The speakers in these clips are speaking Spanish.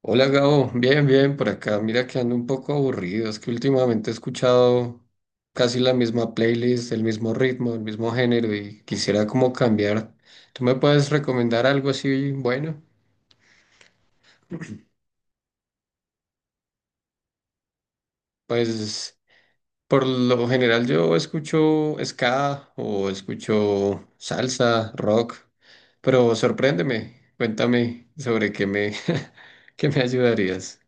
Hola Gabo, bien, bien, por acá. Mira que ando un poco aburrido. Es que últimamente he escuchado casi la misma playlist, el mismo ritmo, el mismo género y quisiera como cambiar. ¿Tú me puedes recomendar algo así bueno? Pues por lo general yo escucho ska o escucho salsa, rock, pero sorpréndeme, cuéntame sobre qué me ayudarías.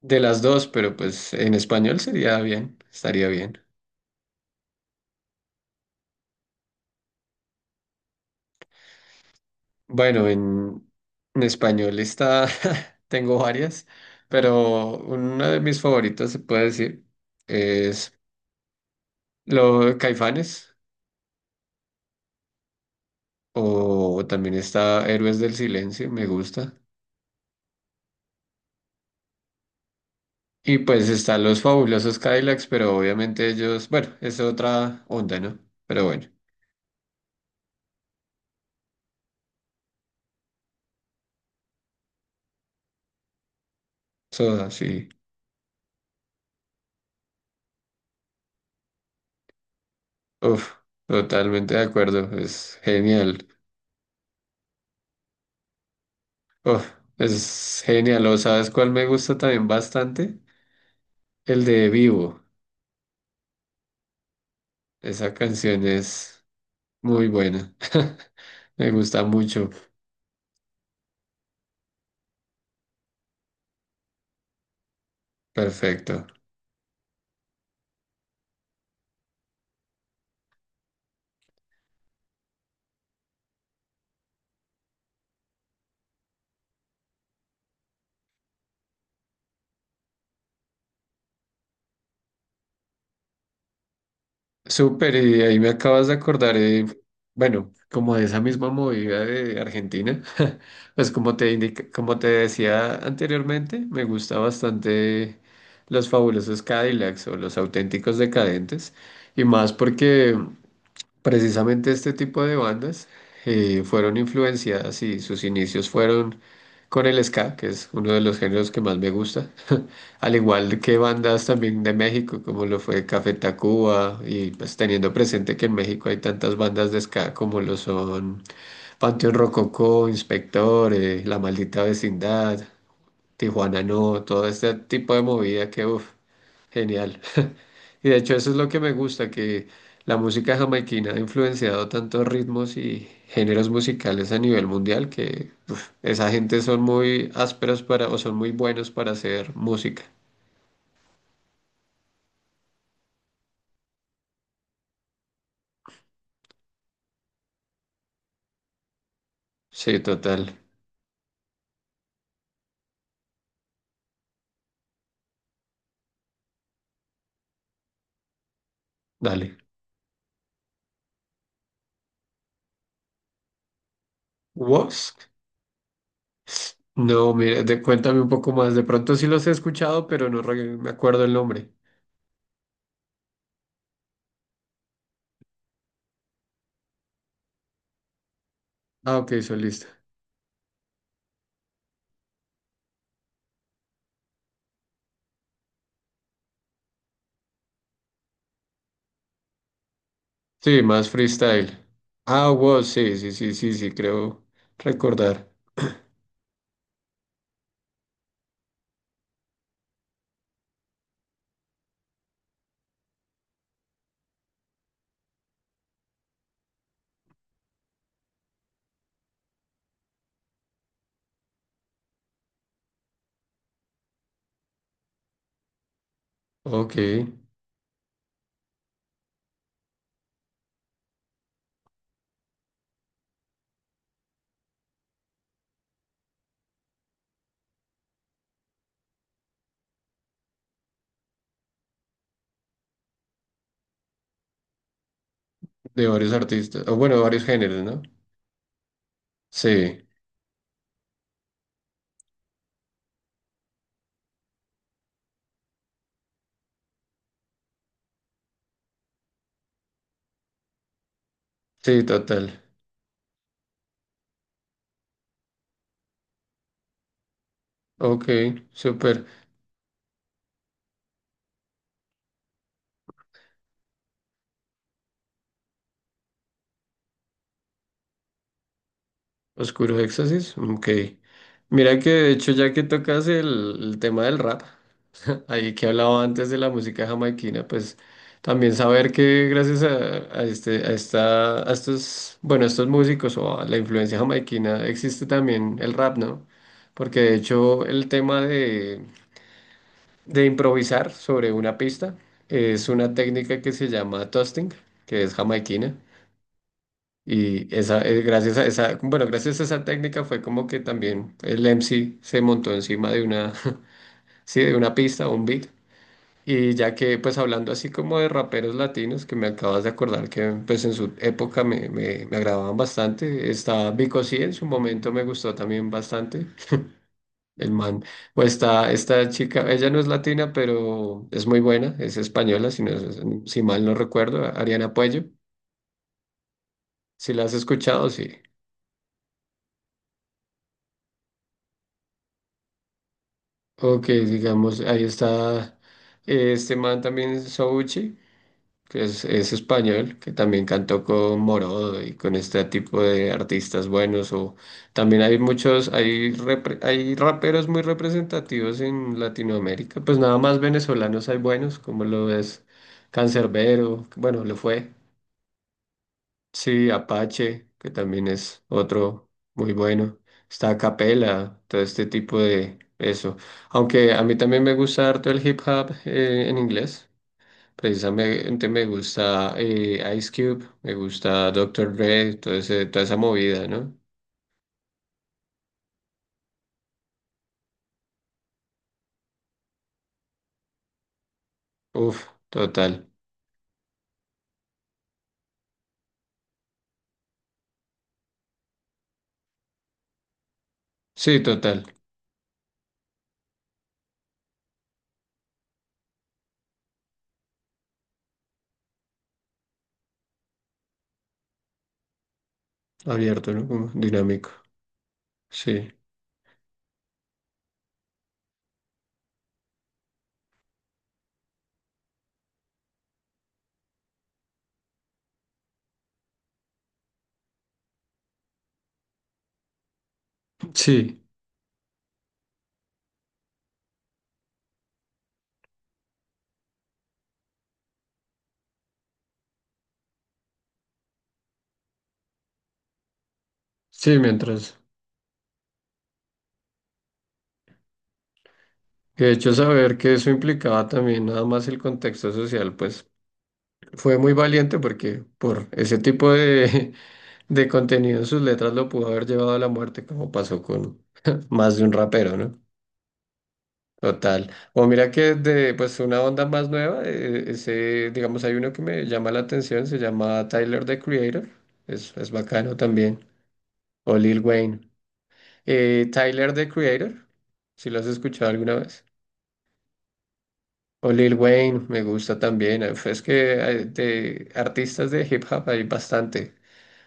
De las dos, pero pues en español sería bien, estaría bien. Bueno, en español está, tengo varias, pero una de mis favoritos se puede decir es lo de Caifanes, o también está Héroes del Silencio, me gusta. Y pues están los fabulosos Cadillacs, pero obviamente ellos, bueno, es otra onda, ¿no? Pero bueno, Soda, sí, uf, totalmente de acuerdo, es genial, uf, es genial, ¿o sabes cuál me gusta también bastante? El de Vivo. Esa canción es muy buena. Me gusta mucho. Perfecto. Súper, y ahí me acabas de acordar, bueno, como de esa misma movida de Argentina. Pues como como te decía anteriormente, me gusta bastante los fabulosos Cadillacs o los auténticos decadentes. Y más porque precisamente este tipo de bandas fueron influenciadas y sus inicios fueron con el ska, que es uno de los géneros que más me gusta, al igual que bandas también de México, como lo fue Café Tacuba, y pues teniendo presente que en México hay tantas bandas de ska como lo son Panteón Rococó, Inspector, La Maldita Vecindad, Tijuana No, todo este tipo de movida que, uff, genial. Y de hecho eso es lo que me gusta, que la música jamaiquina ha influenciado tantos ritmos y géneros musicales a nivel mundial que uf, esa gente son muy ásperos para, o son muy buenos para hacer música. Sí, total. Dale. ¿Wosk? No, mira, cuéntame un poco más. De pronto sí los he escuchado, pero no me acuerdo el nombre. Ah, ok, solista. Sí, más freestyle. Ah, Wosk, sí, sí, sí, sí, sí, creo recordar. Ok, de varios artistas, o bueno, de varios géneros, ¿no? Sí, sí, total. Ok, súper. Oscuros Éxtasis, ok. Mira que de hecho ya que tocas el tema del rap, ahí que hablaba antes de la música jamaiquina, pues también saber que gracias a este, a esta, a estos, bueno, a estos músicos o a la influencia jamaiquina existe también el rap, ¿no? Porque de hecho el tema de improvisar sobre una pista es una técnica que se llama toasting, que es jamaiquina. Y esa, gracias a esa, bueno, gracias a esa técnica fue como que también el MC se montó encima de una, sí, de una pista, o un beat. Y ya que, pues hablando así como de raperos latinos, que me acabas de acordar que pues en su época me agradaban bastante, está Vico C, en su momento me gustó también bastante, el man. O está esta chica, ella no es latina, pero es muy buena, es española, si, no, si mal no recuerdo, Ariana Puello. Si la has escuchado, sí. Ok, digamos, ahí está este man también, Souchi, que es español, que también cantó con Morodo y con este tipo de artistas buenos. O también hay muchos, hay raperos muy representativos en Latinoamérica. Pues nada más venezolanos hay buenos, como lo es Cancerbero bueno, lo fue. Sí, Apache, que también es otro muy bueno. Está a Capela, todo este tipo de eso. Aunque a mí también me gusta harto el hip hop en inglés. Precisamente me gusta Ice Cube, me gusta Doctor Dre, toda esa movida, ¿no? Uf, total. Sí, total. Abierto, ¿no? Como dinámico. Sí. Sí, sí, mientras. De hecho, saber que eso implicaba también nada más el contexto social, pues fue muy valiente porque por ese tipo de, de contenido en sus letras lo pudo haber llevado a la muerte, como pasó con más de un rapero, ¿no? Total. O mira que de pues una onda más nueva, ese, digamos, hay uno que me llama la atención, se llama Tyler the Creator, es bacano también, o Lil Wayne. Tyler the Creator, si lo has escuchado alguna vez. O Lil Wayne, me gusta también. Pues, es que de artistas de hip hop hay bastante.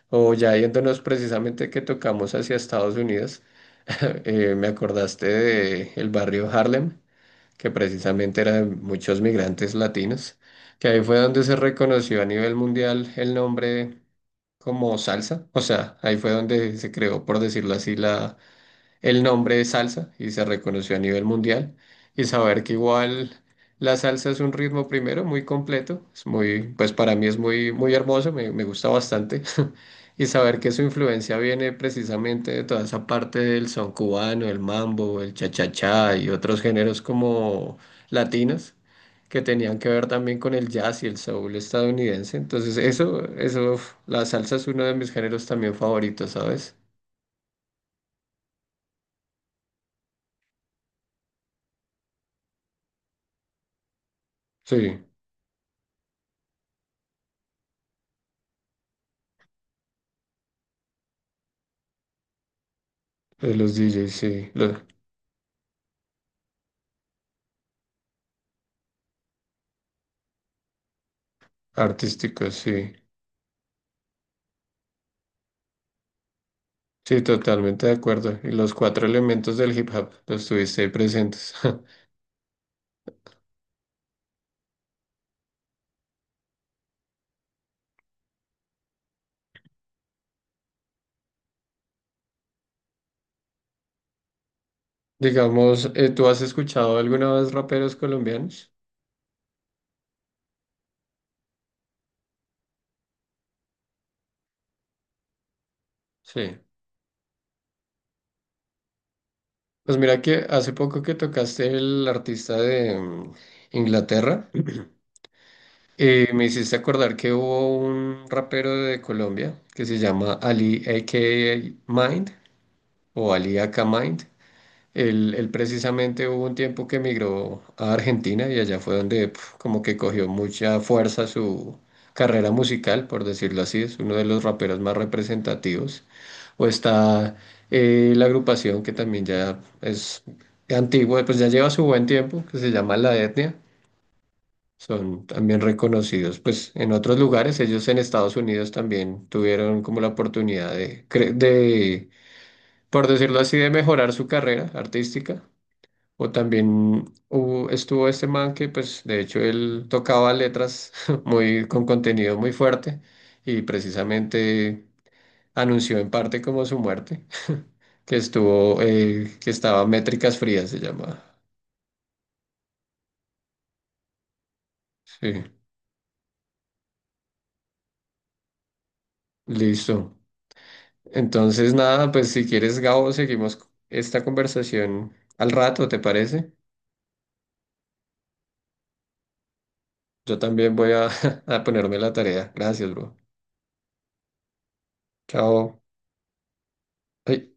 O ya yéndonos precisamente que tocamos hacia Estados Unidos, me acordaste de el barrio Harlem, que precisamente era de muchos migrantes latinos, que ahí fue donde se reconoció a nivel mundial el nombre como salsa, o sea, ahí fue donde se creó, por decirlo así, el nombre de salsa y se reconoció a nivel mundial. Y saber que igual la salsa es un ritmo primero muy completo, es muy, pues para mí es muy, muy hermoso, me gusta bastante. Y saber que su influencia viene precisamente de toda esa parte del son cubano, el mambo, el cha-cha-cha y otros géneros como latinos que tenían que ver también con el jazz y el soul estadounidense. Entonces, eso, uf, la salsa es uno de mis géneros también favoritos, ¿sabes? Sí. De los DJs, sí. Los artísticos, sí. Sí, totalmente de acuerdo. Y los cuatro elementos del hip hop los tuviste ahí presentes. Digamos, ¿tú has escuchado alguna vez raperos colombianos? Sí. Pues mira que hace poco que tocaste el artista de Inglaterra, me hiciste acordar que hubo un rapero de Colombia que se llama Ali, A a.k.a. Mind, o Ali Aka Mind. Él precisamente hubo un tiempo que emigró a Argentina y allá fue donde pf, como que cogió mucha fuerza su carrera musical, por decirlo así, es uno de los raperos más representativos. O está la agrupación que también ya es antigua, pues ya lleva su buen tiempo, que se llama La Etnia. Son también reconocidos, pues en otros lugares, ellos en Estados Unidos también tuvieron como la oportunidad de, de, por decirlo así, de mejorar su carrera artística o también estuvo este man que, pues, de hecho, él tocaba letras muy, con contenido muy fuerte y precisamente anunció en parte como su muerte, que estuvo, que estaba Métricas Frías, se llamaba. Sí, listo. Entonces, nada, pues si quieres, Gabo, seguimos esta conversación al rato, ¿te parece? Yo también voy a, a ponerme la tarea. Gracias, bro. Chao. Ay.